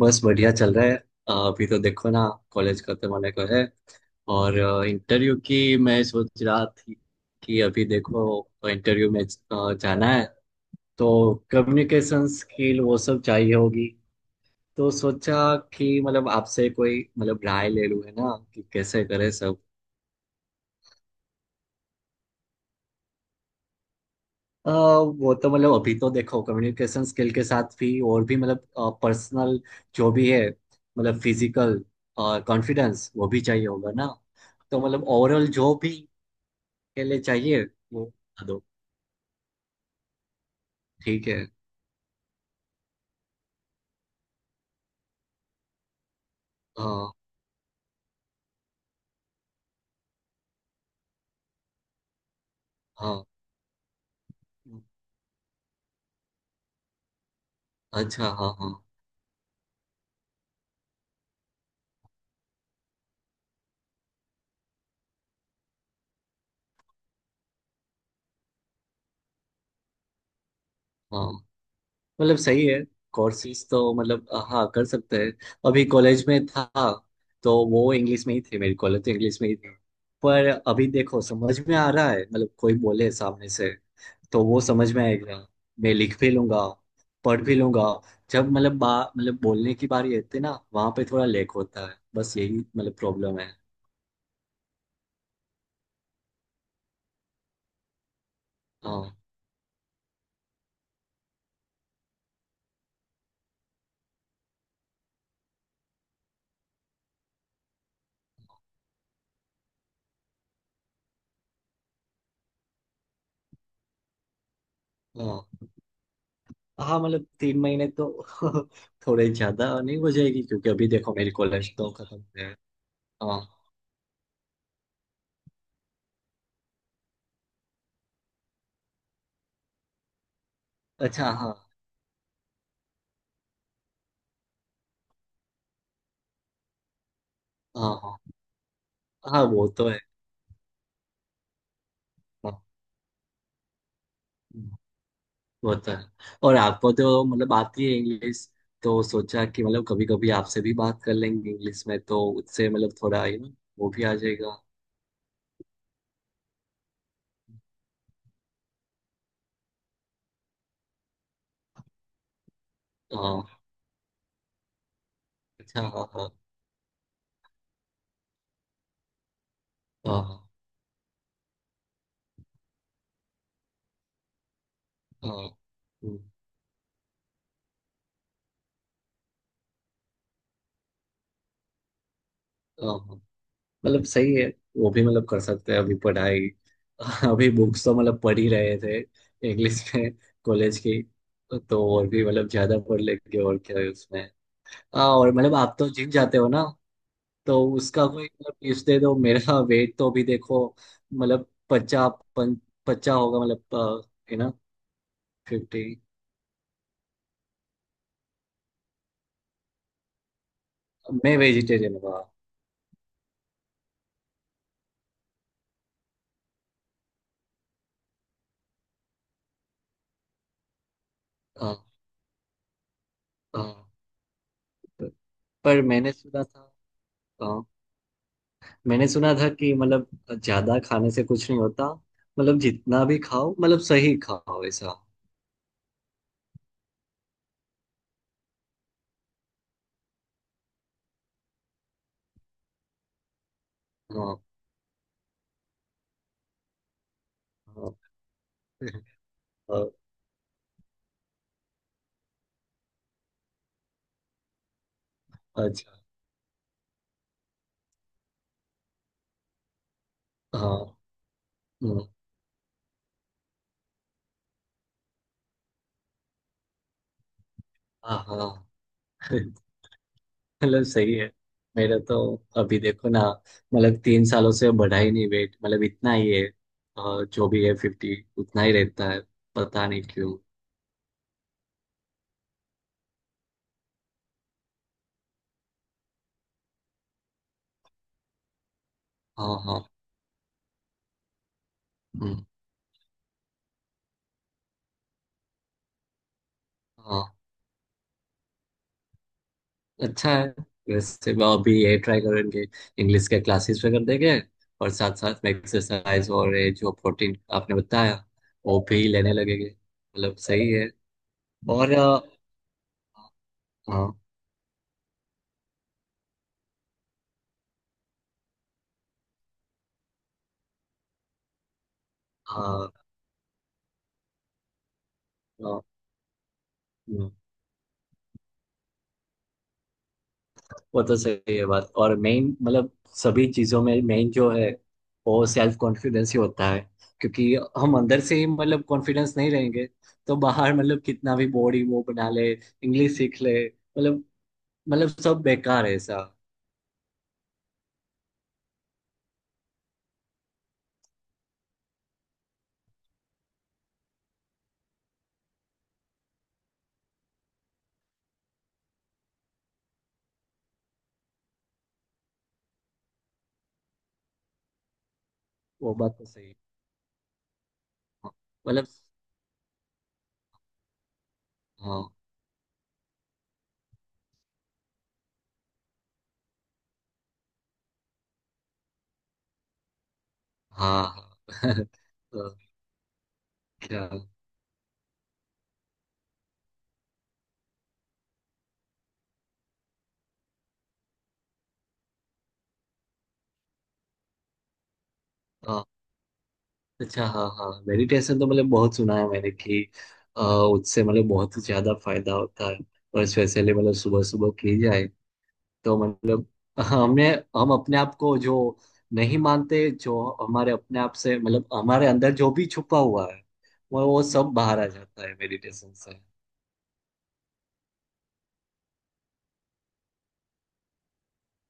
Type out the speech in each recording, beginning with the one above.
बस बढ़िया चल रहा है। अभी तो देखो ना। कॉलेज खत्म होने को है और इंटरव्यू की मैं सोच रहा थी कि अभी देखो इंटरव्यू में जाना है तो कम्युनिकेशन स्किल वो सब चाहिए होगी। तो सोचा कि मतलब आपसे कोई मतलब राय ले लूं है ना कि कैसे करें सब। वो तो मतलब अभी तो देखो कम्युनिकेशन स्किल के साथ भी और भी मतलब पर्सनल जो भी है मतलब फिजिकल कॉन्फिडेंस वो भी चाहिए होगा ना। तो मतलब ओवरऑल जो भी के लिए चाहिए वो बता दो। ठीक है। हाँ हाँ। अच्छा हाँ हाँ। हाँ मतलब सही है। कोर्सेज तो मतलब हाँ कर सकते हैं। अभी कॉलेज में था तो वो इंग्लिश में ही थे, मेरी कॉलेज तो इंग्लिश में ही थी। पर अभी देखो समझ में आ रहा है मतलब कोई बोले सामने से तो वो समझ में आएगा। मैं लिख भी लूंगा पढ़ भी लूंगा। जब मतलब बा मतलब बोलने की बारी आती है ना वहां पे थोड़ा लैक होता है, बस यही मतलब प्रॉब्लम है। हाँ हाँ। हाँ मतलब 3 महीने तो थोड़े ज्यादा नहीं हो जाएगी, क्योंकि अभी देखो मेरी कॉलेज तो खत्म है। हाँ अच्छा हाँ हाँ। हाँ हाँ वो तो है। हाँ वो तो है। और आपको तो मतलब आती है इंग्लिश, तो सोचा कि मतलब कभी कभी आपसे भी बात कर लेंगे इंग्लिश में तो उससे मतलब थोड़ा यू नो वो भी आ जाएगा। हाँ। अच्छा हाँ हाँ। हाँ हाँ हाँ, हम्म, हाँ, हाँ। मतलब सही है। वो भी मतलब कर सकते हैं अभी पढ़ाई अभी बुक्स तो मतलब पढ़ ही रहे थे इंग्लिश में कॉलेज की। तो और भी मतलब ज्यादा पढ़ लेंगे, और क्या है उसमें। हाँ और मतलब आप तो जिम जाते हो ना, तो उसका कोई मतलब टिप्स दे दो मेरा वेट तो अभी देखो मतलब 50, 50 होगा मतलब है ना। 50। मैं वेजिटेरियन हुआ। हाँ हाँ। पर पर मैंने सुना था। हाँ, मैंने सुना था कि मतलब ज्यादा खाने से कुछ नहीं होता, मतलब जितना भी खाओ मतलब सही खाओ ऐसा। हाँ हाँ। अ- अच्छा हाँ। हम्म, हाँ हाँ मतलब सही है। मेरा तो अभी देखो ना मतलब 3 सालों से बढ़ा ही नहीं वेट, मतलब इतना ही है जो भी है, 50 उतना ही रहता है, पता नहीं क्यों। हाँ हाँ। हम्म, हाँ अच्छा है। वैसे मैं अभी ये ट्राई करेंगे, इंग्लिश के क्लासेस वगैरह देंगे, और साथ साथ में एक्सरसाइज और ये जो प्रोटीन आपने बताया वो भी लेने लगेंगे, मतलब सही है। और हाँ हाँ हाँ, हाँ, वो तो सही है बात। और मेन मतलब सभी चीजों में मेन जो है वो सेल्फ कॉन्फिडेंस ही होता है। क्योंकि हम अंदर से ही मतलब कॉन्फिडेंस नहीं रहेंगे तो बाहर मतलब कितना भी बॉडी वो बना ले, इंग्लिश सीख ले, मतलब सब बेकार है ऐसा। वो बात तो सही है। हाँ, मतलब हाँ हाँ हाँ तो क्या। हाँ, अच्छा हाँ हाँ मेडिटेशन तो मतलब बहुत सुना है मैंने कि उससे मतलब बहुत ज्यादा फायदा होता है। और स्पेशली मतलब सुबह सुबह की जाए तो मतलब हमें, हम अपने आप को जो नहीं मानते, जो हमारे अपने आप से मतलब हमारे अंदर जो भी छुपा हुआ है वो सब बाहर आ जाता है मेडिटेशन से।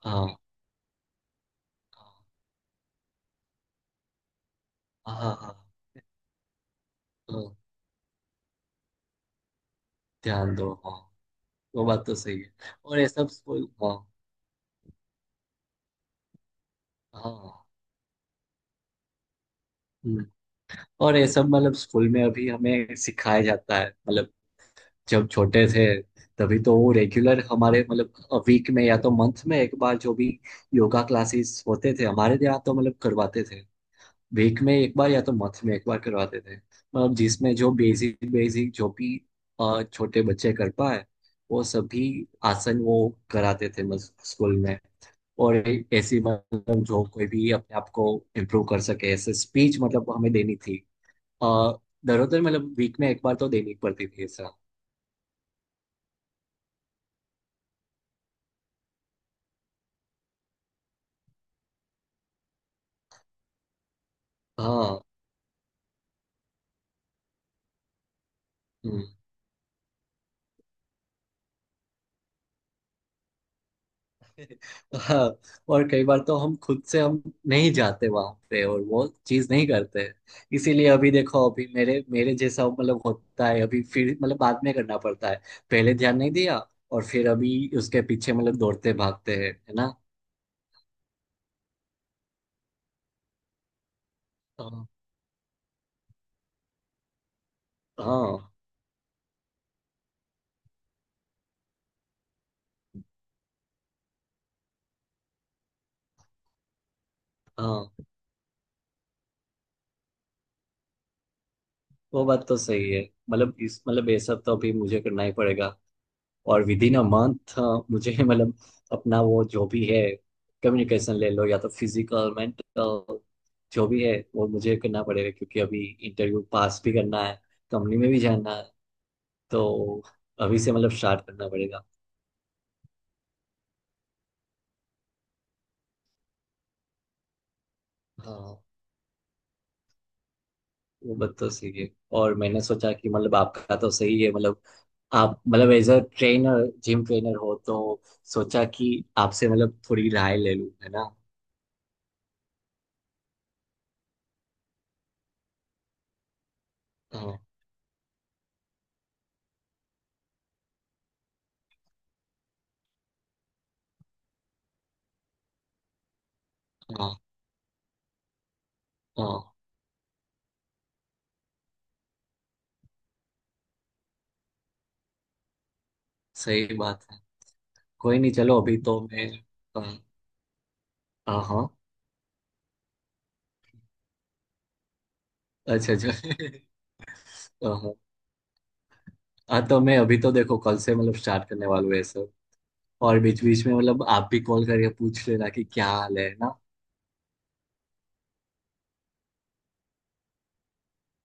हाँ हाँ हाँ। हाँ, हाँ, ध्यान दो हाँ। वो बात तो सही है। और ये सब स्कूल हाँ। हाँ हम्म। और ये सब मतलब स्कूल में अभी हमें सिखाया जाता है, मतलब जब छोटे थे तभी तो वो रेगुलर हमारे मतलब वीक में या तो मंथ में एक बार जो भी योगा क्लासेस होते थे हमारे यहाँ, तो मतलब करवाते थे। वीक में एक बार या तो मंथ में एक बार करवाते थे, मतलब जिसमें जो बेसिक बेसिक जो भी छोटे बच्चे कर पाए वो सभी आसन वो कराते थे मतलब स्कूल में। और ऐसी मतलब जो कोई भी अपने आप को इम्प्रूव कर सके ऐसे स्पीच मतलब हमें देनी थी। आ, दरअसल मतलब वीक में एक बार तो देनी पड़ती थी ऐसा। हाँ हम्म, हाँ। और कई बार तो हम खुद से हम नहीं जाते वहां पे और वो चीज नहीं करते। इसीलिए अभी देखो, अभी मेरे मेरे जैसा मतलब होता है, अभी फिर मतलब बाद में करना पड़ता है, पहले ध्यान नहीं दिया और फिर अभी उसके पीछे मतलब दौड़ते भागते हैं, है ना। हाँ हाँ। हाँ वो बात तो सही है। मतलब इस मतलब ये सब तो अभी मुझे करना ही पड़ेगा, और विद इन अ मंथ मुझे मतलब अपना वो जो भी है, कम्युनिकेशन ले लो या तो फिजिकल मेंटल, जो भी है वो मुझे करना पड़ेगा, क्योंकि अभी इंटरव्यू पास भी करना है, कंपनी में भी जाना है, तो अभी से मतलब स्टार्ट करना पड़ेगा। हाँ। वो बात तो सही है। और मैंने सोचा कि मतलब आपका तो सही है मतलब, आप मतलब as a trainer, gym trainer हो, तो सोचा कि आपसे मतलब थोड़ी राय ले लूं है ना। हाँ हाँ हाँ। सही बात है। कोई नहीं, चलो अभी तो मैं, हाँ हाँ हाँ, अच्छा अच्छा हाँ हाँ। हाँ, तो मैं अभी तो देखो कल से मतलब स्टार्ट करने वाला हूँ ये सब। और बीच बीच में मतलब आप भी कॉल करके पूछ लेना कि क्या हाल है ना।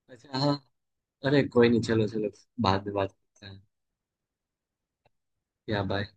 अच्छा हाँ। अरे कोई नहीं चलो चलो, बाद में बात करते हैं। या बाय।